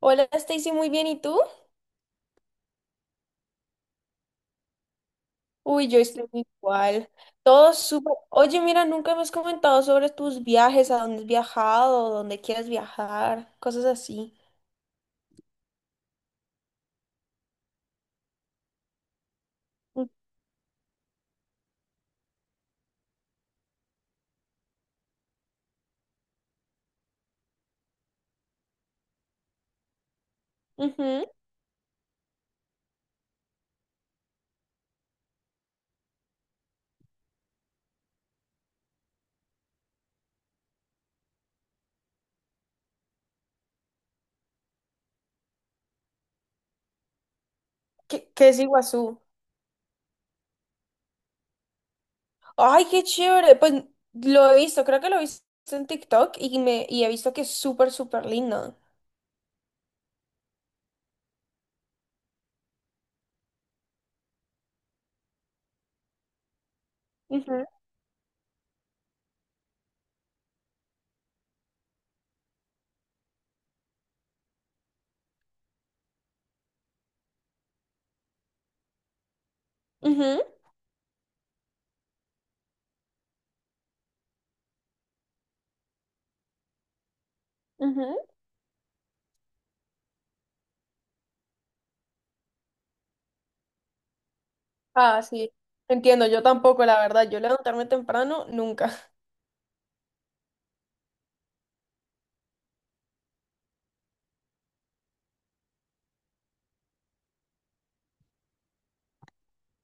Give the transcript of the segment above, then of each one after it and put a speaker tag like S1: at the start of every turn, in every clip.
S1: Hola Stacy, muy bien, ¿y tú? Uy, yo estoy igual. Todo súper. Oye, mira, nunca me has comentado sobre tus viajes, a dónde has viajado, dónde quieres viajar, cosas así. Mm, ujú. ¿Qué es Iguazú? Ay, qué chévere. Pues lo he visto, creo que lo he visto en TikTok y he visto que es súper, súper lindo. Ujú, ujú, ujú. Ah, sí. Entiendo, yo tampoco, la verdad. Yo levantarme temprano, nunca.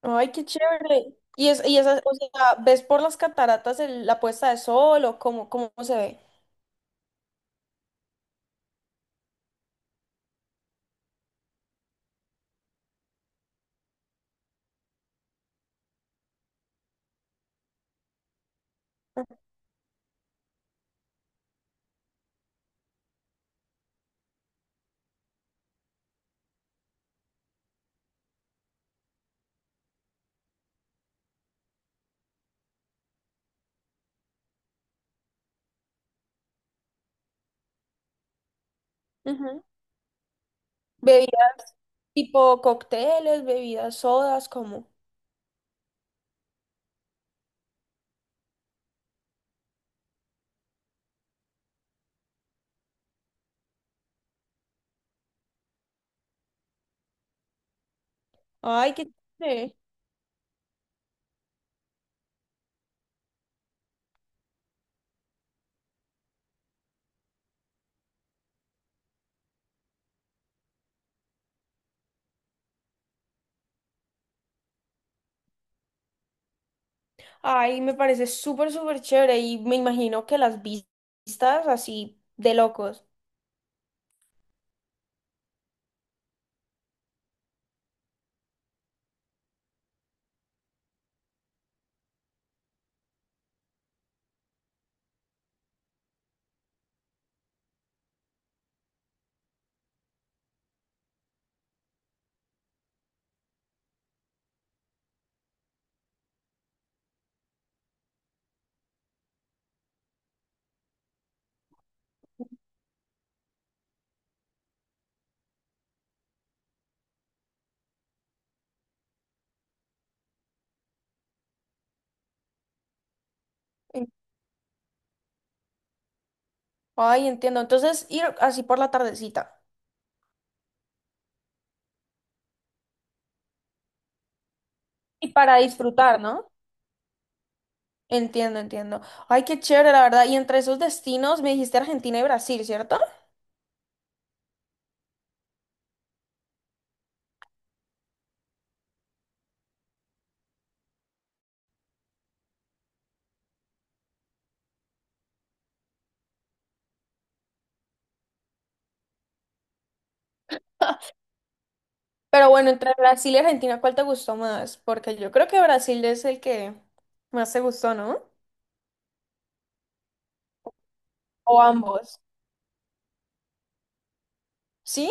S1: Ay, qué chévere. Y es, y esas, o sea, ¿ves por las cataratas la puesta de sol o cómo se ve? Ujú. Bebidas tipo cócteles, bebidas sodas, como. Ay, qué chévere. Ay, me parece súper, súper chévere y me imagino que las vistas así de locos. En- Ay, entiendo. Entonces, ir así por la tardecita. Y para disfrutar, ¿no? Entiendo, entiendo. Ay, qué chévere, la verdad. Y entre esos destinos me dijiste Argentina y Brasil, ¿cierto? Pero bueno, entre Brasil y Argentina, ¿cuál te gustó más? Porque yo creo que Brasil es el que más te gustó, ¿no? O ambos. ¿Sí?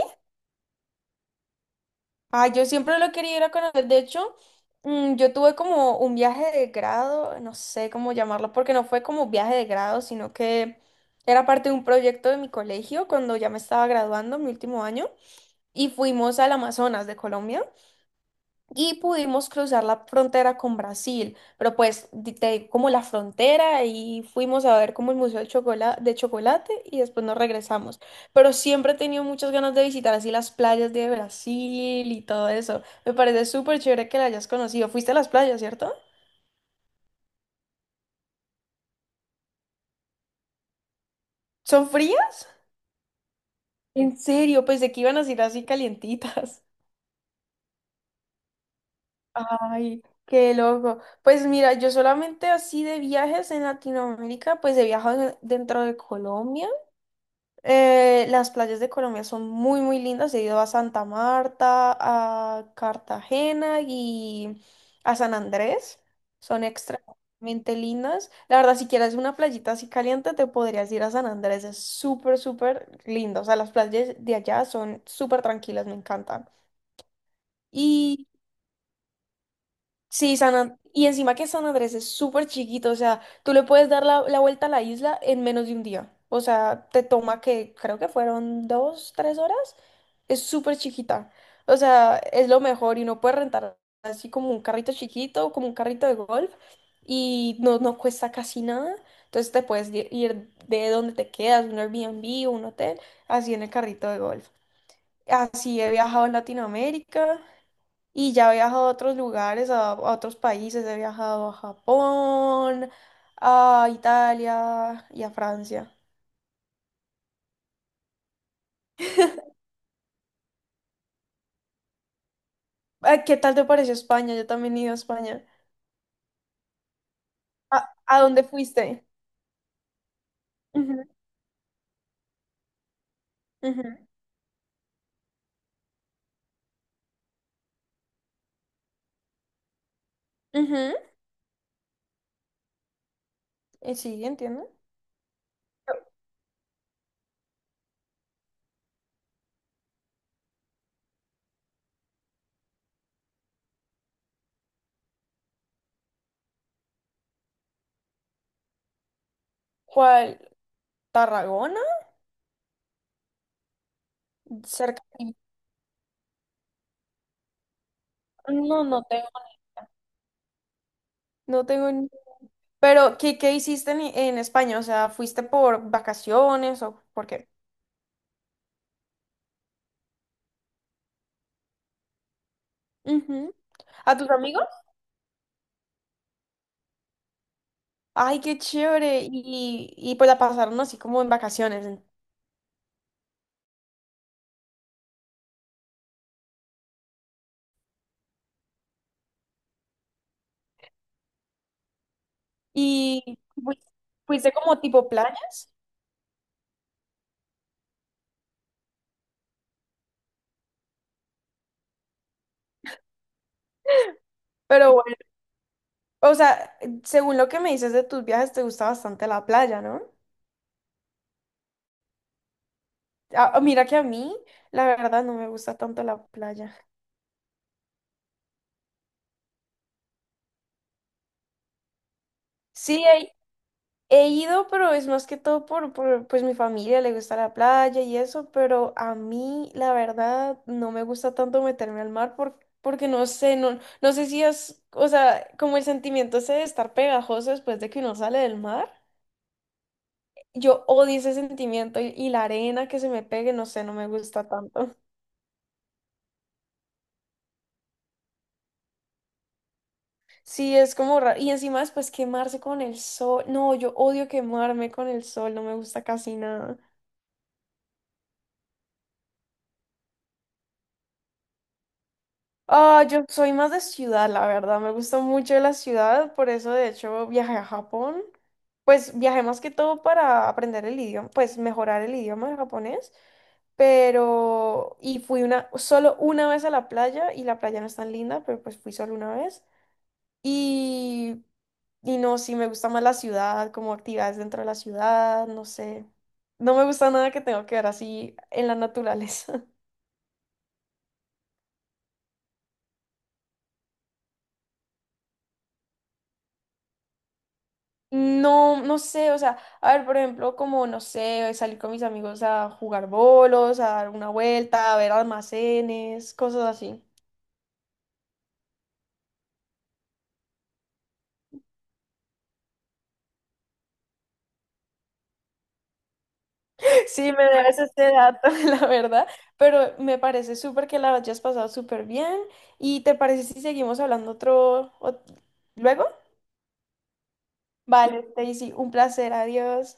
S1: Ah, yo siempre lo quería ir a conocer. De hecho, yo tuve como un viaje de grado, no sé cómo llamarlo, porque no fue como viaje de grado, sino que era parte de un proyecto de mi colegio cuando ya me estaba graduando, mi último año, y fuimos al Amazonas de Colombia. Y pudimos cruzar la frontera con Brasil, pero pues te digo, como la frontera y fuimos a ver como el Museo de Chocolate y después nos regresamos. Pero siempre he tenido muchas ganas de visitar así las playas de Brasil y todo eso. Me parece súper chévere que la hayas conocido. Fuiste a las playas, ¿cierto? ¿Son frías? En serio, pensé que iban a ser así calientitas. Ay, qué loco. Pues mira, yo solamente así de viajes en Latinoamérica, pues he viajado dentro de Colombia. Las playas de Colombia son muy, muy lindas. He ido a Santa Marta, a Cartagena y a San Andrés. Son extremadamente lindas. La verdad, si quieres una playita así caliente, te podrías ir a San Andrés. Es súper, súper lindo. O sea, las playas de allá son súper tranquilas, me encantan. Sí, y encima que San Andrés es súper chiquito, o sea, tú le puedes dar la vuelta a la isla en menos de un día. O sea, te toma que creo que fueron dos, tres horas. Es súper chiquita. O sea, es lo mejor y uno puede rentar así como un carrito chiquito, como un carrito de golf y no cuesta casi nada. Entonces te puedes ir de donde te quedas, un Airbnb o un hotel, así en el carrito de golf. Así he viajado en Latinoamérica. Y ya he viajado a otros lugares, a otros países, he viajado a Japón, a Italia y a Francia. Ah, ¿qué tal te pareció España? Yo también he ido a España. ¿A, a dónde fuiste? Ujú, ujú, ujú. Sí, entiendo. ¿Cuál? ¿Tarragona? Cerca. No, no tengo, no tengo ni... Pero, ¿qué hiciste en España? O sea, ¿fuiste por vacaciones o por qué? Ujú. ¿A tus amigos? Ay, qué chévere. Y pues la pasaron así como en vacaciones. Y fui- fuiste como tipo playas, pero bueno, o sea, según lo que me dices de tus viajes, te gusta bastante la playa, ¿no? Ah, mira que a mí, la verdad, no me gusta tanto la playa. Sí, he ido, pero es más que todo pues mi familia le gusta la playa y eso, pero a mí la verdad no me gusta tanto meterme al mar porque no sé, no sé si es, o sea, como el sentimiento ese de estar pegajoso después de que uno sale del mar. Yo odio ese sentimiento y la arena que se me pegue, no sé, no me gusta tanto. Sí, es como raro. Y encima después quemarse con el sol. No, yo odio quemarme con el sol, no me gusta casi nada. Ah, yo soy más de ciudad, la verdad. Me gusta mucho la ciudad, por eso de hecho viajé a Japón. Pues viajé más que todo para aprender el idioma, pues mejorar el idioma de japonés. Pero, y fui una, solo una vez a la playa, y la playa no es tan linda, pero pues fui solo una vez. Y, y no, sí, me gusta más la ciudad, como actividades dentro de la ciudad, no sé. No me gusta nada que tenga que ver así en la naturaleza. No, no sé, o sea, a ver, por ejemplo, como, no sé, salir con mis amigos a jugar bolos, a dar una vuelta, a ver almacenes, cosas así. Sí, me debes este dato, la verdad, pero me parece súper que la hayas pasado súper bien y ¿te parece si seguimos hablando luego? Vale, Stacy, un placer, adiós.